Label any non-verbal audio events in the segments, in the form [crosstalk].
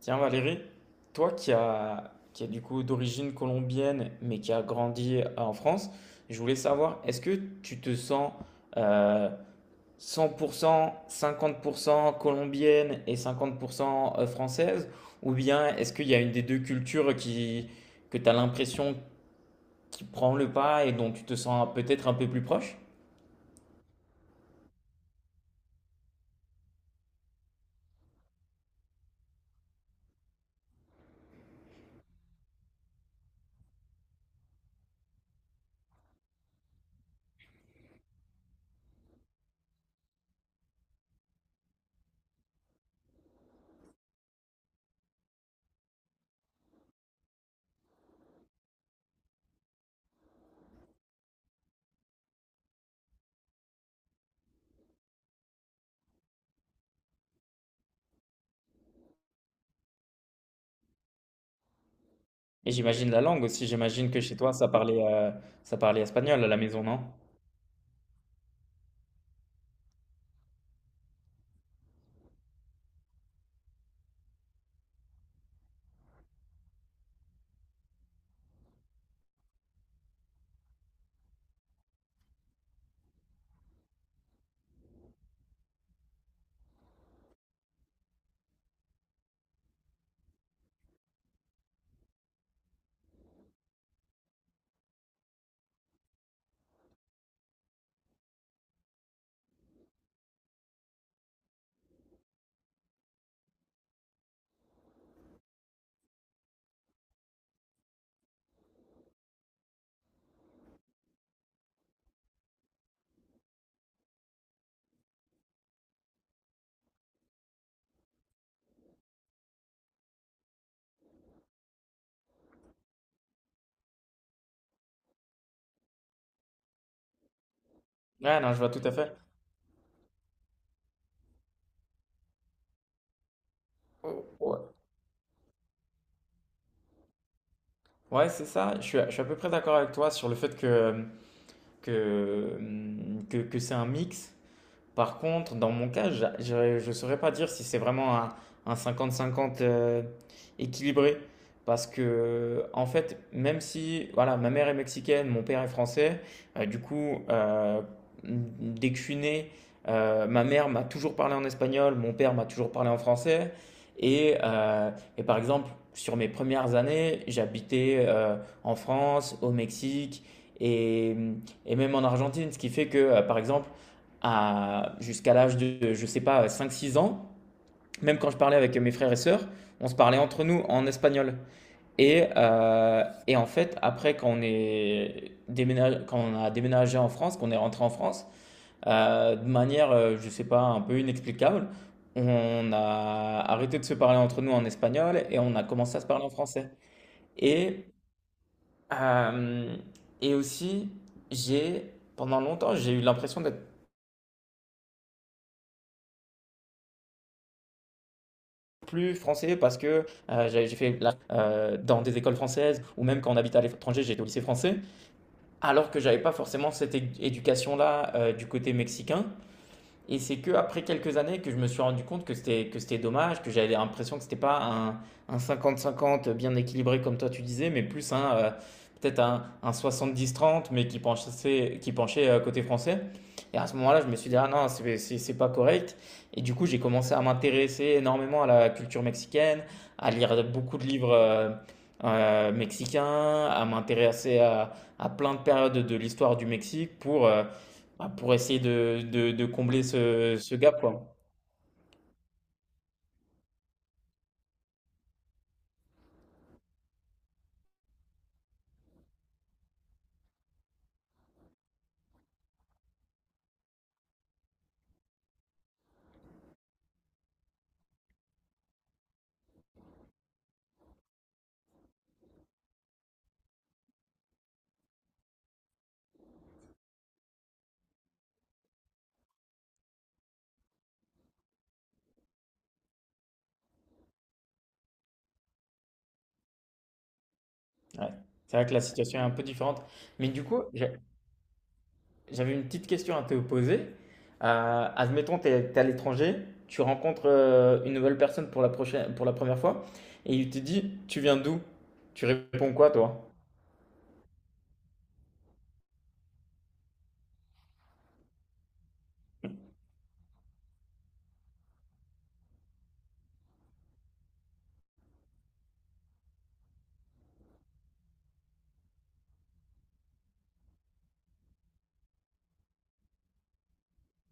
Tiens Valérie, toi qui a du coup d'origine colombienne mais qui a grandi en France, je voulais savoir, est-ce que tu te sens euh, cent pour cent cinquante pour cent colombienne et 50% française, ou bien est-ce qu'il y a une des deux cultures que tu as l'impression qui prend le pas et dont tu te sens peut-être un peu plus proche? Et j'imagine la langue aussi, j'imagine que chez toi ça parlait espagnol à la maison, non? Ah non, je vois tout à fait. Ouais, c'est ça. Je suis à peu près d'accord avec toi sur le fait que, que c'est un mix. Par contre, dans mon cas, je ne saurais pas dire si c'est vraiment un 50-50 équilibré. Parce que, en fait, même si voilà, ma mère est mexicaine, mon père est français. Du coup, dès que je suis né, ma mère m'a toujours parlé en espagnol, mon père m'a toujours parlé en français. Et, euh, et par exemple, sur mes premières années, j'habitais en France, au Mexique et, et même en Argentine, ce qui fait que, par exemple, à jusqu'à l'âge de, je sais pas, 5 6 ans, même quand je parlais avec mes frères et sœurs, on se parlait entre nous en espagnol. Et en fait, après, quand on a déménagé en France, qu'on est rentré en France, de manière, je sais pas, un peu inexplicable, on a arrêté de se parler entre nous en espagnol et on a commencé à se parler en français. Et, euh, et aussi, j'ai, pendant longtemps, j'ai eu l'impression d'être plus français parce que j'ai dans des écoles françaises, ou même quand on habite à l'étranger, j'étais au lycée français, alors que j'avais pas forcément cette éducation-là du côté mexicain. Et c'est que après quelques années que je me suis rendu compte que c'était dommage, que j'avais l'impression que c'était pas un 50-50 bien équilibré comme toi tu disais, mais plus un peut-être un 70-30 mais qui penchait côté français. Et à ce moment-là, je me suis dit ah non, c'est pas correct. Et du coup, j'ai commencé à m'intéresser énormément à la culture mexicaine, à lire beaucoup de livres mexicains, à m'intéresser à plein de périodes de l'histoire du Mexique pour bah, pour essayer de combler ce gap, quoi. Ouais. C'est vrai que la situation est un peu différente. Mais du coup, j'avais une petite question à te poser. Admettons, tu es à l'étranger, tu rencontres une nouvelle personne pour la première fois, et il te dit, tu viens d'où? Tu réponds quoi, toi?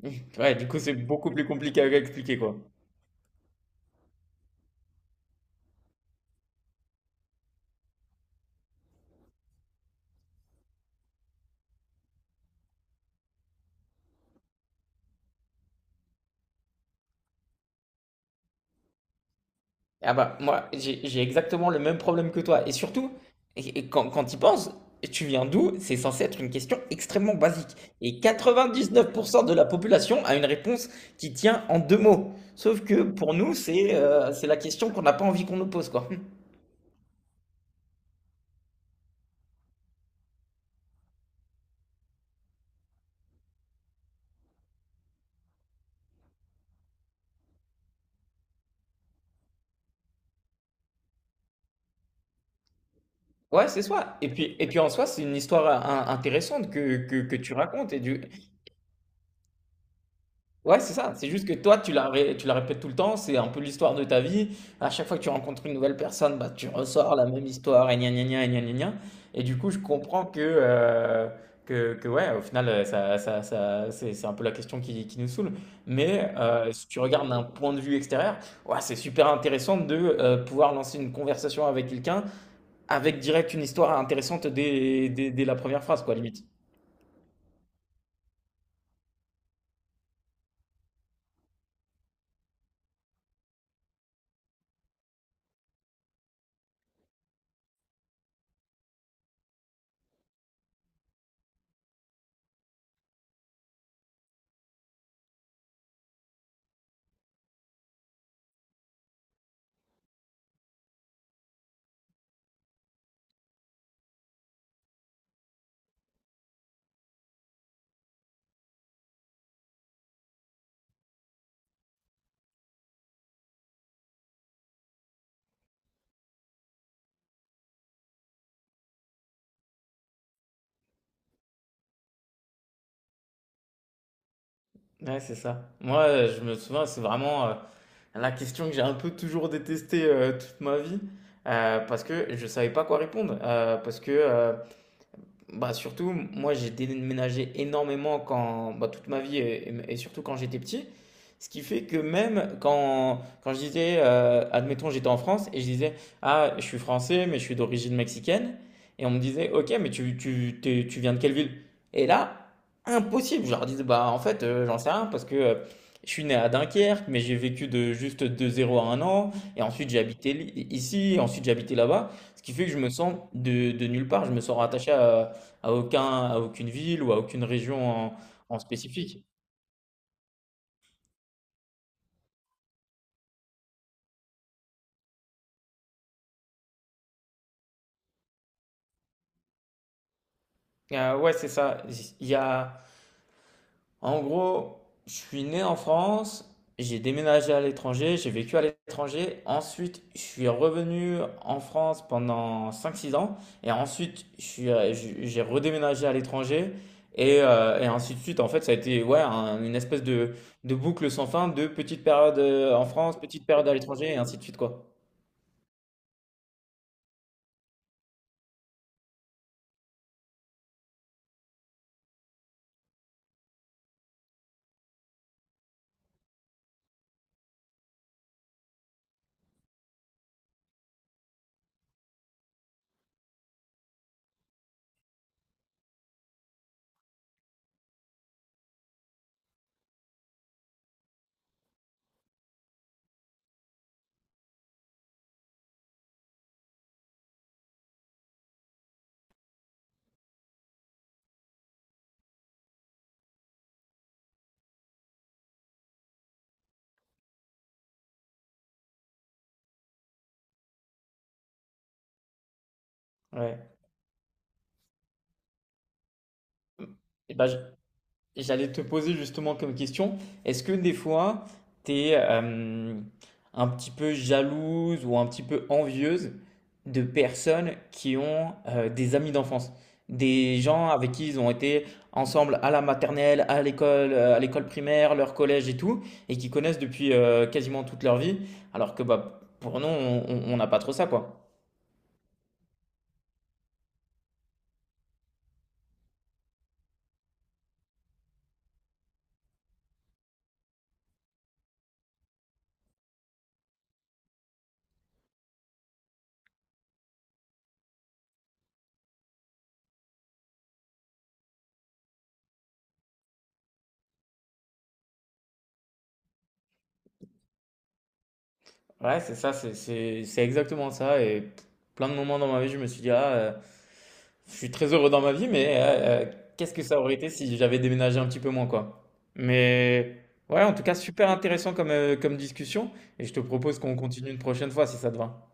[laughs] Ouais, du coup, c'est beaucoup plus compliqué à expliquer, quoi. Ah bah, moi, j'ai exactement le même problème que toi. Et surtout, et quand tu y penses, tu viens d'où? C'est censé être une question extrêmement basique. Et 99% de la population a une réponse qui tient en deux mots. Sauf que pour nous, c'est la question qu'on n'a pas envie qu'on nous pose, quoi. [laughs] Ouais, c'est ça. Et puis en soi, c'est une histoire intéressante que tu racontes. Ouais, c'est ça. C'est juste que toi, tu la répètes tout le temps. C'est un peu l'histoire de ta vie. À chaque fois que tu rencontres une nouvelle personne, bah, tu ressors la même histoire et gna gna gna et gna gna gna. Et du coup, je comprends que ouais, au final, c'est un peu la question qui nous saoule. Mais si tu regardes d'un point de vue extérieur, ouais, c'est super intéressant de pouvoir lancer une conversation avec quelqu'un avec direct une histoire intéressante dès la première phrase, quoi, limite. Ouais, c'est ça. Moi, je me souviens, c'est vraiment la question que j'ai un peu toujours détestée toute ma vie, parce que je savais pas quoi répondre, parce que bah, surtout, moi, j'ai déménagé énormément quand, bah, toute ma vie et surtout quand j'étais petit. Ce qui fait que même quand je disais, admettons, j'étais en France et je disais, ah, je suis français, mais je suis d'origine mexicaine. Et on me disait, ok, mais tu viens de quelle ville? Et là, impossible. Je leur disais, bah, en fait, j'en sais rien parce que je suis né à Dunkerque, mais j'ai vécu de 0 à 1 an. Et ensuite, j'ai habité ici, et ensuite, j'ai habité là-bas. Ce qui fait que je me sens de nulle part. Je me sens rattaché à aucun, à aucune ville, ou à aucune région en spécifique. Ouais, c'est ça. Il y a, en gros, je suis né en France, j'ai déménagé à l'étranger, j'ai vécu à l'étranger. Ensuite, je suis revenu en France pendant 5 6 ans. Et ensuite, j'ai redéménagé à l'étranger. Et ainsi de suite. En fait, ça a été ouais, une espèce de boucle sans fin de petites périodes en France, petites périodes à l'étranger, et ainsi de suite, quoi. Ouais. Et j'allais te poser justement comme question, est-ce que des fois, tu es un petit peu jalouse ou un petit peu envieuse de personnes qui ont des amis d'enfance, des gens avec qui ils ont été ensemble à la maternelle, à l'école primaire, leur collège et tout, et qui connaissent depuis quasiment toute leur vie, alors que bah, pour nous, on n'a pas trop ça, quoi. Ouais, c'est ça, c'est exactement ça. Et plein de moments dans ma vie, je me suis dit, ah, je suis très heureux dans ma vie, mais qu'est-ce que ça aurait été si j'avais déménagé un petit peu moins, quoi. Mais ouais, en tout cas, super intéressant comme discussion. Et je te propose qu'on continue une prochaine fois si ça te va.